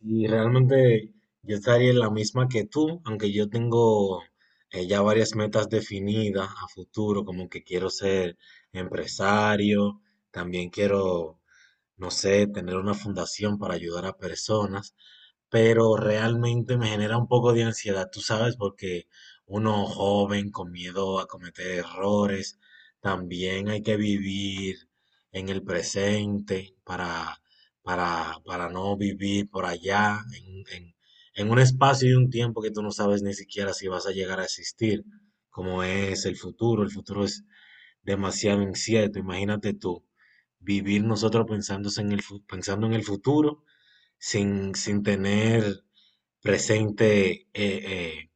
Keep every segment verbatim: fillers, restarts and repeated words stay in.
Y realmente yo estaría en la misma que tú, aunque yo tengo eh, ya varias metas definidas a futuro, como que quiero ser empresario, también quiero, no sé, tener una fundación para ayudar a personas, pero realmente me genera un poco de ansiedad, tú sabes, porque uno joven con miedo a cometer errores, también hay que vivir en el presente, para, para, para no vivir por allá, en, en, en un espacio y un tiempo que tú no sabes ni siquiera si vas a llegar a existir, como es el futuro. El futuro es demasiado incierto, imagínate tú. Vivir nosotros pensándose en el, fu- pensando en el futuro sin, sin tener presente, eh, eh,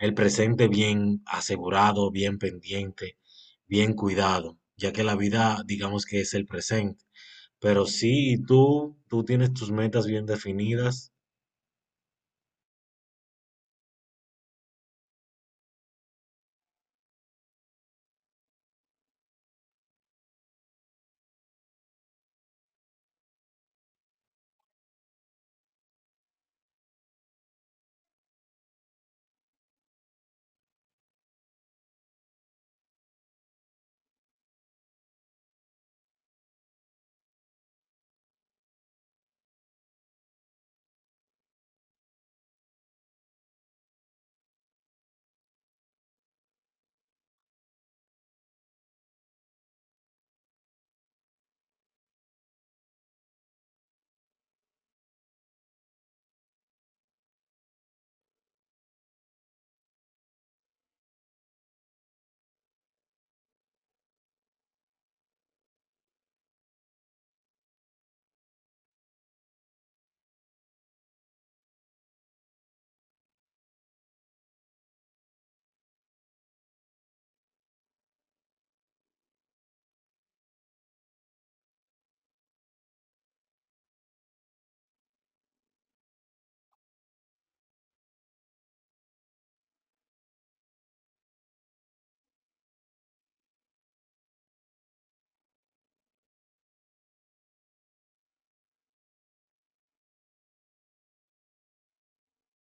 el presente bien asegurado, bien pendiente, bien cuidado, ya que la vida, digamos, que es el presente. Pero sí, tú, tú tienes tus metas bien definidas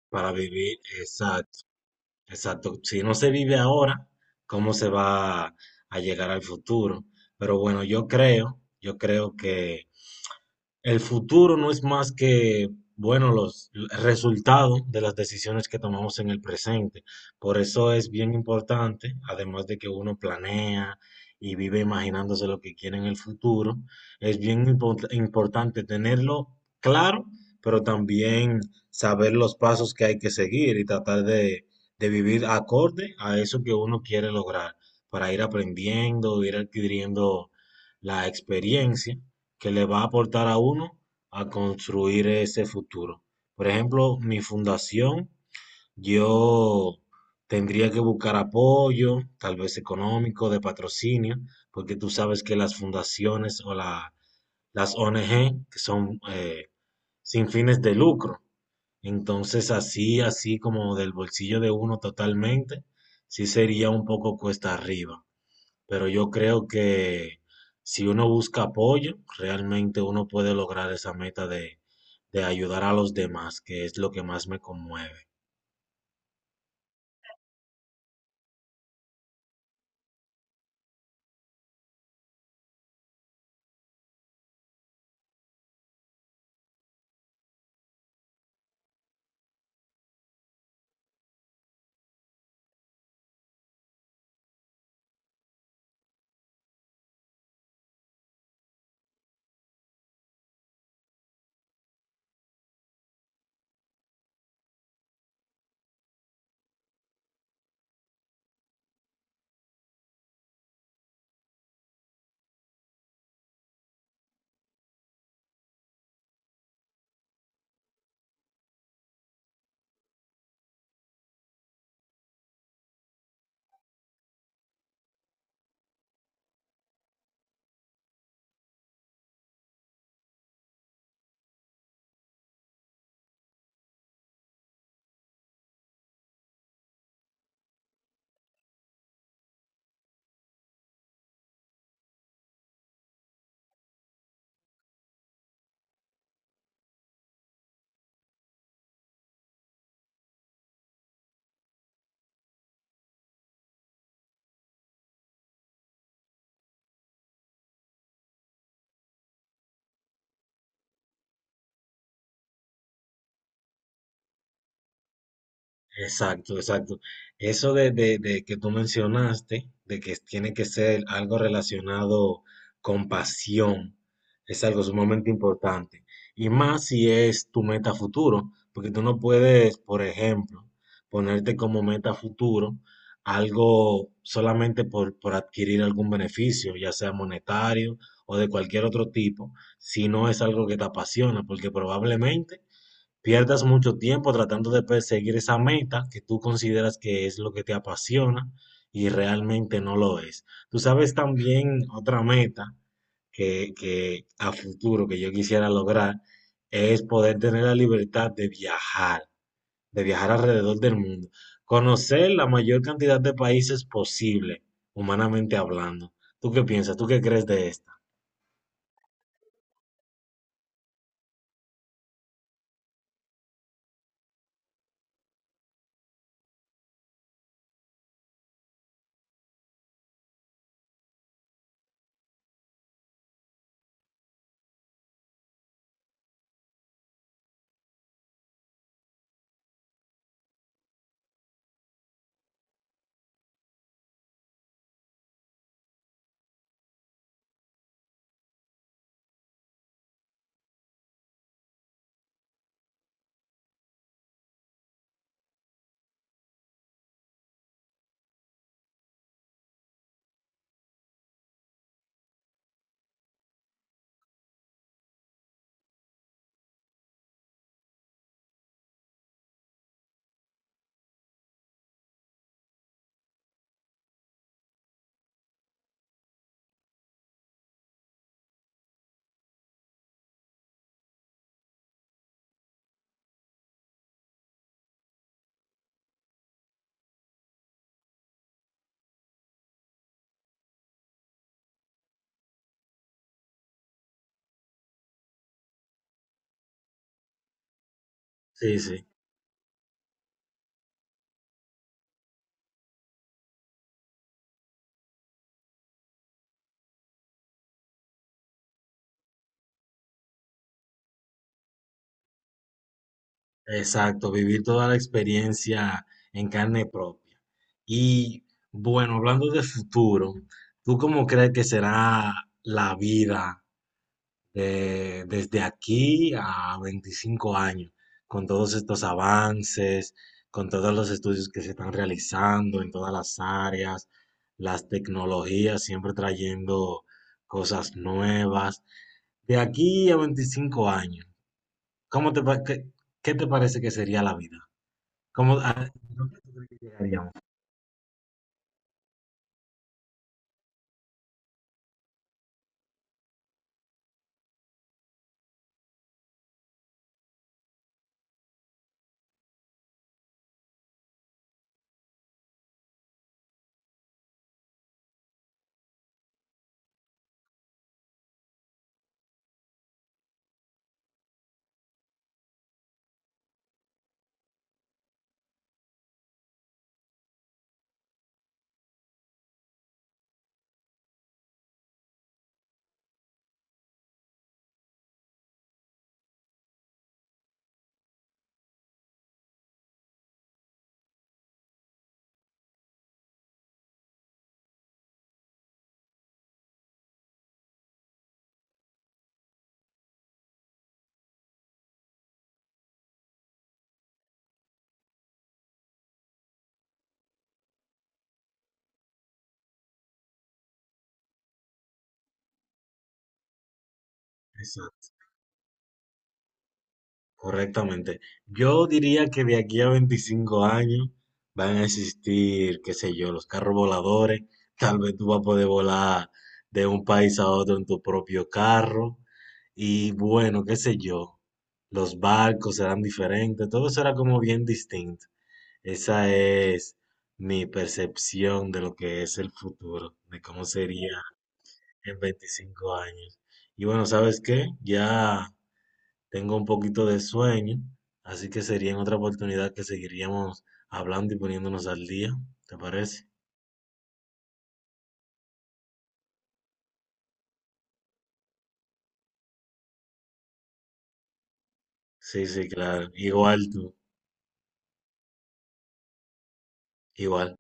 para vivir, exacto, exacto. Si no se vive ahora, ¿cómo se va a llegar al futuro? Pero bueno, yo creo, yo creo que el futuro no es más que, bueno, los el resultado de las decisiones que tomamos en el presente. Por eso es bien importante, además de que uno planea y vive imaginándose lo que quiere en el futuro, es bien import- importante tenerlo claro, pero también saber los pasos que hay que seguir y tratar de, de vivir acorde a eso que uno quiere lograr, para ir aprendiendo, ir adquiriendo la experiencia que le va a aportar a uno a construir ese futuro. Por ejemplo, mi fundación, yo tendría que buscar apoyo, tal vez económico, de patrocinio, porque tú sabes que las fundaciones o la- las ONG, que son eh, sin fines de lucro. Entonces, así, así como del bolsillo de uno totalmente, sí sería un poco cuesta arriba. Pero yo creo que si uno busca apoyo, realmente uno puede lograr esa meta de, de ayudar a los demás, que es lo que más me conmueve. Exacto, exacto. Eso de, de- de que tú mencionaste, de que tiene que ser algo relacionado con pasión, es algo sumamente importante. Y más si es tu meta futuro, porque tú no puedes, por ejemplo, ponerte como meta futuro algo solamente por, por adquirir algún beneficio, ya sea monetario o de cualquier otro tipo, si no es algo que te apasiona, porque probablemente pierdas mucho tiempo tratando de perseguir esa meta que tú consideras que es lo que te apasiona y realmente no lo es. Tú sabes, también otra meta que, que a futuro que yo quisiera lograr es poder tener la libertad de viajar, de viajar alrededor del mundo, conocer la mayor cantidad de países posible, humanamente hablando. ¿Tú qué piensas? ¿Tú qué crees de esta? Sí, sí. Exacto, vivir toda la experiencia en carne propia. Y bueno, hablando de futuro, ¿tú cómo crees que será la vida de- desde aquí a veinticinco años, con todos estos avances, con todos los estudios que se están realizando en todas las áreas, las tecnologías siempre trayendo cosas nuevas? De aquí a veinticinco años, ¿cómo te, pa- qué, qué te parece que sería la vida? ¿Cómo, a dónde tú crees que llegaríamos? Exacto, correctamente. Yo diría que de aquí a veinticinco años van a existir, qué sé yo, los carros voladores. Tal vez tú vas a poder volar de un país a otro en tu propio carro. Y bueno, qué sé yo, los barcos serán diferentes, todo será como bien distinto. Esa es mi percepción de lo que es el futuro, de cómo sería en 25 años. Y bueno, ¿sabes qué? Ya tengo un poquito de sueño, así que sería en otra oportunidad que seguiríamos hablando y poniéndonos al día, ¿te parece? Sí, sí, claro. Igual tú, igual.